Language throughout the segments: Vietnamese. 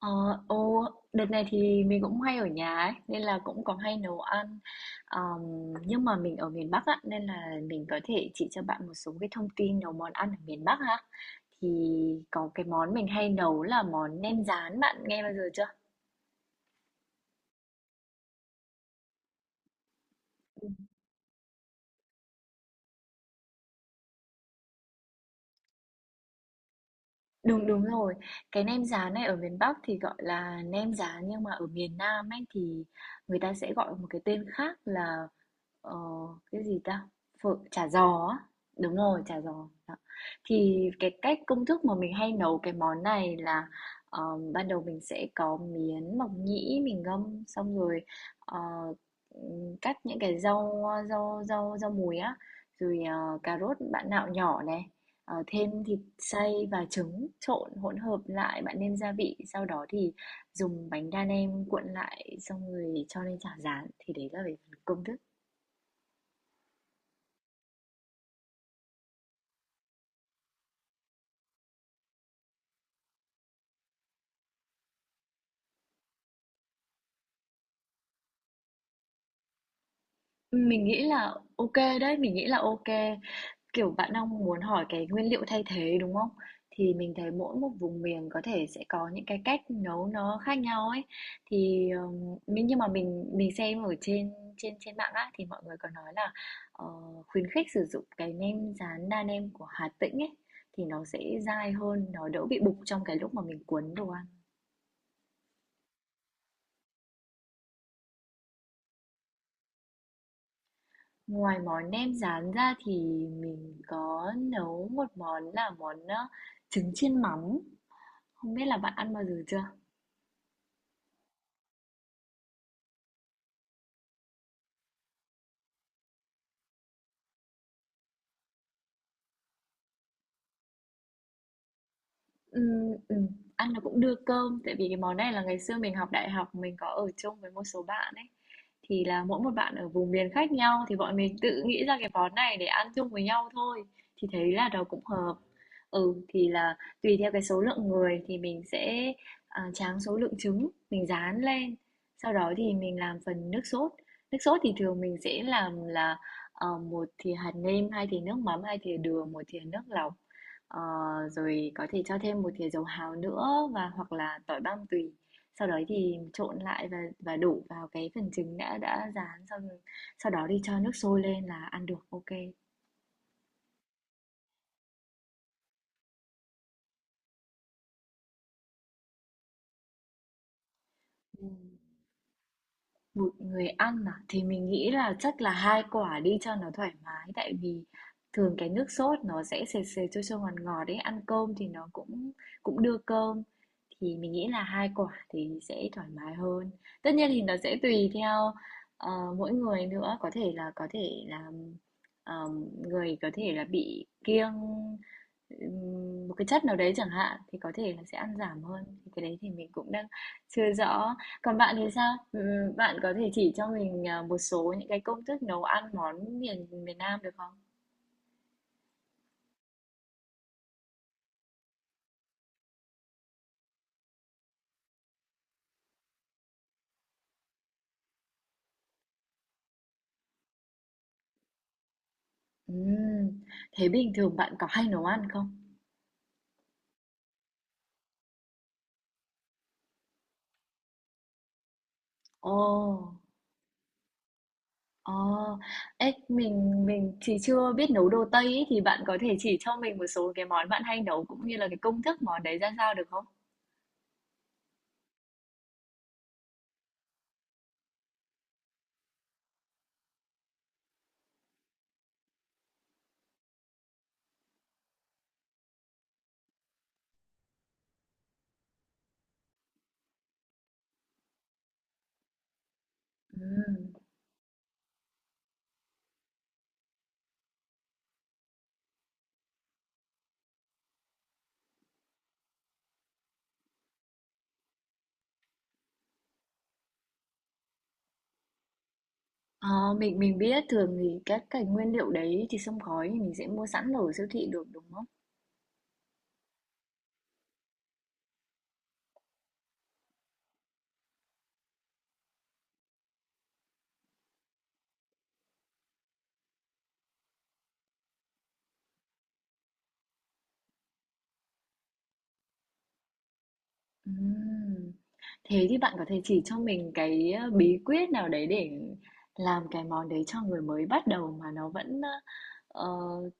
Ờ, ô, đợt này thì mình cũng hay ở nhà ấy, nên là cũng có hay nấu ăn. Ờm, nhưng mà mình ở miền Bắc á, nên là mình có thể chỉ cho bạn một số cái thông tin nấu món ăn ở miền Bắc ha. Thì có cái món mình hay nấu là món nem rán, bạn nghe bao giờ chưa? Đúng, đúng rồi. Cái nem rán này ở miền Bắc thì gọi là nem rán, nhưng mà ở miền Nam ấy thì người ta sẽ gọi một cái tên khác là, ờ, cái gì ta? Phở chả giò á. Đúng rồi, chả giò. Đó. Thì cái cách công thức mà mình hay nấu cái món này là, ờ, ban đầu mình sẽ có miến mộc nhĩ mình ngâm, xong rồi, ờ, cắt những cái rau, rau rau rau mùi á, rồi, cà rốt bạn nạo nhỏ này, thêm thịt xay và trứng trộn hỗn hợp lại, bạn nêm gia vị, sau đó thì dùng bánh đa nem cuộn lại xong rồi cho lên chảo rán thì đấy là về phần công thức. Mình nghĩ là ok đấy, mình nghĩ là ok. Kiểu, bạn đang muốn hỏi cái nguyên liệu thay thế, đúng không? Thì mình thấy mỗi một vùng miền có thể sẽ có những cái cách nấu nó khác nhau ấy. Thì, nhưng mà mình xem ở trên trên trên mạng á, thì mọi người có nói là, ờ, khuyến khích sử dụng cái nem rán đa nem của Hà Tĩnh ấy, thì nó sẽ dai hơn, nó đỡ bị bục trong cái lúc mà mình cuốn đồ ăn. Ngoài món nem rán ra thì mình có nấu một món là món, trứng chiên mắm, không biết là bạn ăn bao giờ chưa? Ừm, ừm, Ăn nó cũng đưa cơm, tại vì cái món này là ngày xưa mình học đại học mình có ở chung với một số bạn ấy. Thì là mỗi một bạn ở vùng miền khác nhau thì bọn mình tự nghĩ ra cái món này để ăn chung với nhau thôi. Thì thấy là nó cũng hợp. Ừ, thì là tùy theo cái số lượng người thì mình sẽ tráng số lượng trứng, mình rán lên. Sau đó thì mình làm phần nước sốt. Nước sốt thì thường mình sẽ làm là một thìa hạt nêm, hai thìa nước mắm, hai thìa đường, một thìa nước lọc. Ờ, Rồi có thể cho thêm một thìa dầu hào nữa và hoặc là tỏi băm tùy. Sau đấy thì trộn lại và đổ vào cái phần trứng đã rán xong, sau đó đi cho nước sôi lên là ăn được ok. Ừ. 1 người ăn à? Thì mình nghĩ là chắc là 2 quả đi cho nó thoải mái, tại vì thường cái nước sốt nó sẽ sệt sệt, chua chua, ngọt ngọt đấy, ăn cơm thì nó cũng cũng đưa cơm. Thì mình nghĩ là 2 quả thì sẽ thoải mái hơn. Tất nhiên thì nó sẽ tùy theo, ờ, mỗi người nữa, có thể là người có thể là bị kiêng một cái chất nào đấy chẳng hạn, thì có thể là sẽ ăn giảm hơn. Thì cái đấy thì mình cũng đang chưa rõ. Còn bạn thì sao? Bạn có thể chỉ cho mình, một số những cái công thức nấu ăn món miền miền Nam được không? Ừm, thế bình thường bạn có hay nấu ăn không? Ồ, ồ, ấy, mình thì chưa biết nấu đồ Tây ấy, thì bạn có thể chỉ cho mình một số cái món bạn hay nấu cũng như là cái công thức món đấy ra sao được không? Ừm. Ờ, mình biết thường thì các cái nguyên liệu đấy thì xông khói thì mình sẽ mua sẵn ở siêu thị được, đúng không? Ừm. Thế thì bạn có thể chỉ cho mình cái, bí quyết nào đấy để làm cái món đấy cho người mới bắt đầu mà nó vẫn, ờ,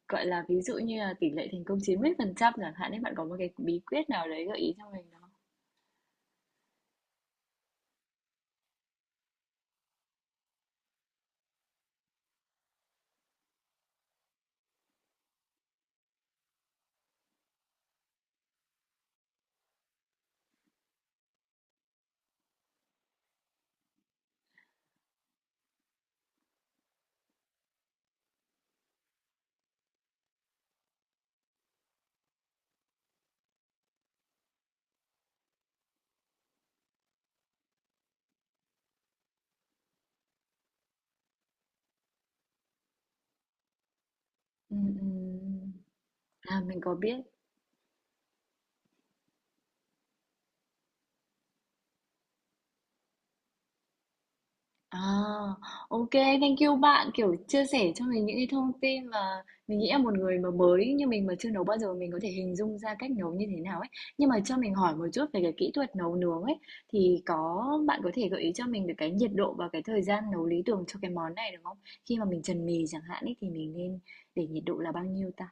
gọi là, ví dụ như là tỷ lệ thành công 90% chẳng hạn ấy, bạn có một cái bí quyết nào đấy gợi ý cho mình không? Ừm, ừm. À, mình có biết. À, ô kê, thank you bạn, kiểu, chia sẻ cho mình những cái thông tin mà mình nghĩ là một người mà mới như mình mà chưa nấu bao giờ mình có thể hình dung ra cách nấu như thế nào ấy. Nhưng mà cho mình hỏi một chút về cái kỹ thuật nấu nướng ấy, thì có bạn có thể gợi ý cho mình được cái nhiệt độ và cái thời gian nấu lý tưởng cho cái món này được không? Khi mà mình trần mì chẳng hạn ấy, thì mình nên để nhiệt độ là bao nhiêu ta?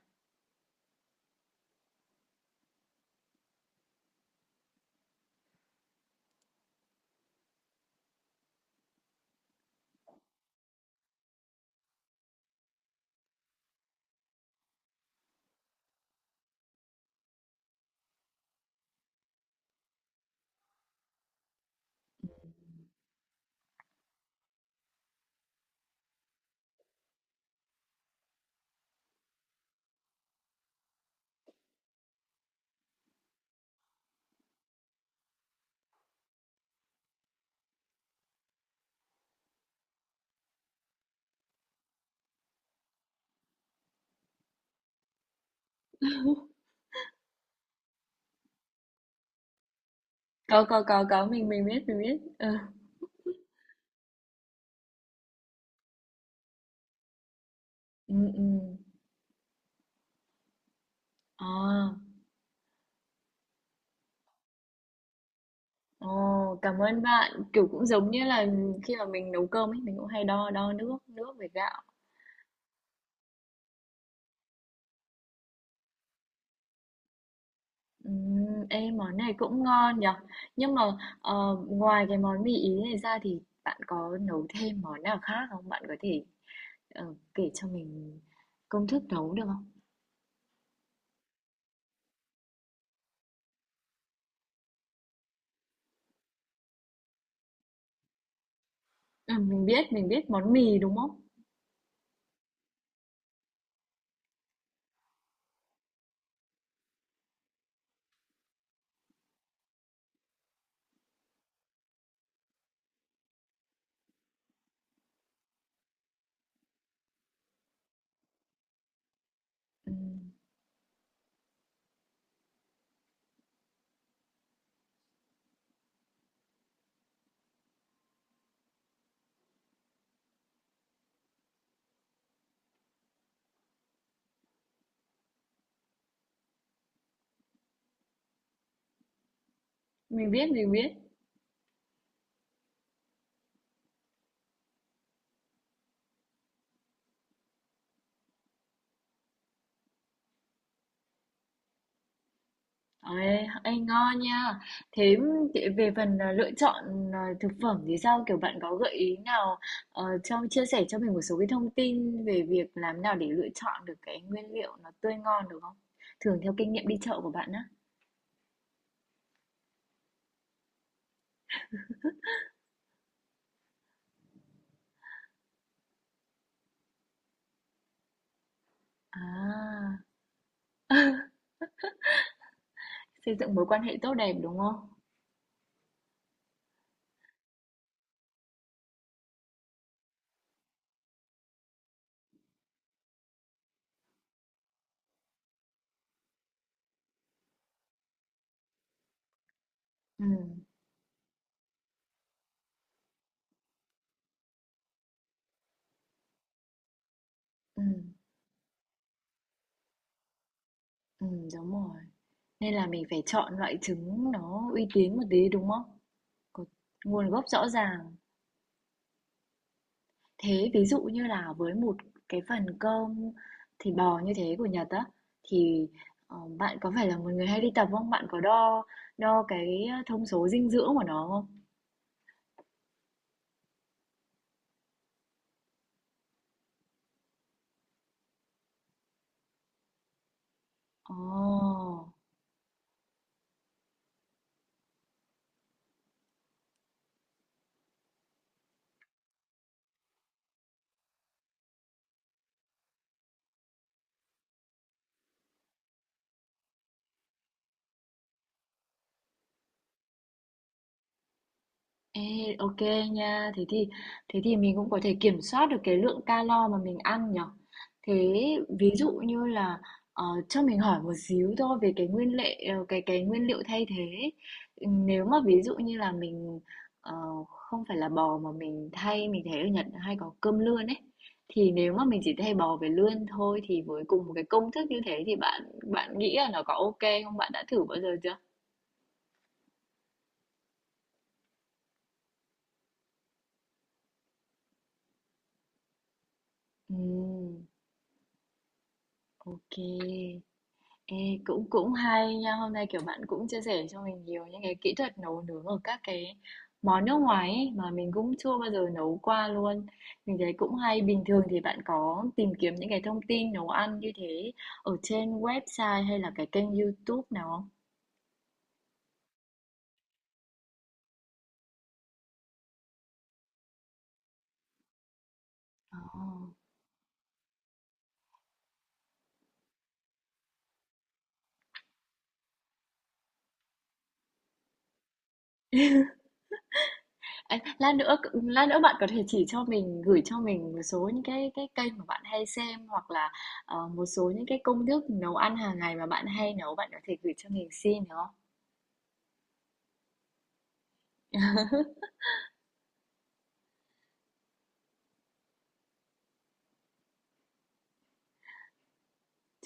Có, mình biết, mình biết. Ừ, ừ, ừ. À. Ồ, cảm ơn bạn. Kiểu cũng giống như là khi mà mình nấu cơm ấy, mình cũng hay đo đo nước, nước với gạo. Ê, món này cũng ngon nhở. Nhưng mà ngoài cái món mì Ý này ra thì bạn có nấu thêm món nào khác không? Bạn có thể kể cho mình công thức nấu được không? Ừ, mình biết món mì đúng không? Ừm, mình biết, mình biết. Ê, ê, ngon nha. Thế về phần lựa chọn thực phẩm thì sao? Kiểu bạn có gợi ý nào cho chia sẻ cho mình một số cái thông tin về việc làm nào để lựa chọn được cái nguyên liệu nó tươi ngon được không? Thường theo kinh nghiệm đi chợ của bạn á. À, xây dựng mối quan hệ tốt đẹp đúng không? Ừ, ừ, ừ, đúng rồi. Nên là mình phải chọn loại trứng nó uy tín một tí đúng không? Có nguồn gốc rõ ràng. Thế ví dụ như là với một cái phần cơm thịt bò như thế của Nhật á thì, bạn có phải là một người hay đi tập không? Bạn có đo đo cái thông số dinh dưỡng của nó không? Ồ! Ê, ok nha, thế thì mình cũng có thể kiểm soát được cái lượng calo mà mình ăn nhở. Thế ví dụ như là cho mình hỏi một xíu thôi về cái nguyên liệu cái nguyên liệu thay thế ấy. Nếu mà ví dụ như là mình ờ, không phải là bò mà mình thay, mình thấy ở Nhật hay có cơm lươn ấy, thì nếu mà mình chỉ thay bò với lươn thôi thì với cùng một cái công thức như thế thì bạn bạn nghĩ là nó có ok không, bạn đã thử bao giờ chưa? Ừm, ok. Ê, cũng cũng hay nha, hôm nay kiểu bạn cũng chia sẻ cho mình nhiều những cái kỹ thuật nấu nướng ở các cái món nước ngoài ấy, mà mình cũng chưa bao giờ nấu qua luôn. Mình thấy cũng hay, bình thường thì bạn có tìm kiếm những cái thông tin nấu ăn như thế ở trên website hay là cái kênh YouTube nào không? Ồ. Ê, lát nữa bạn có thể chỉ cho mình, gửi cho mình một số những cái kênh mà bạn hay xem, hoặc là một số những cái công thức nấu ăn hàng ngày mà bạn hay nấu, bạn có thể gửi cho mình xin được không?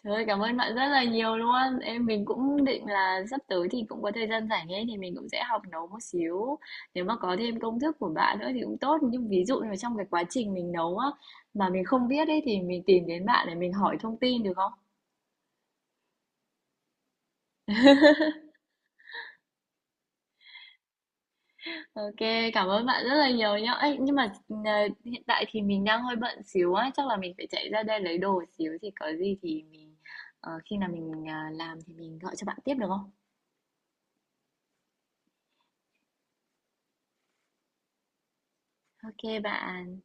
Trời ơi, cảm ơn bạn rất là nhiều luôn. Em mình cũng định là sắp tới thì cũng có thời gian rảnh ấy thì mình cũng sẽ học nấu một xíu. Nếu mà có thêm công thức của bạn nữa thì cũng tốt. Nhưng ví dụ như là trong cái quá trình mình nấu á mà mình không biết ấy thì mình tìm đến bạn để mình hỏi thông tin được không? Ok, cảm ơn bạn rất là nhiều nhá. Ấy, nhưng mà hiện tại thì mình đang hơi bận xíu á, chắc là mình phải chạy ra đây lấy đồ xíu thì có gì thì mình ờ, khi nào mình ờ, làm thì mình gọi cho bạn tiếp được không? Ok bạn.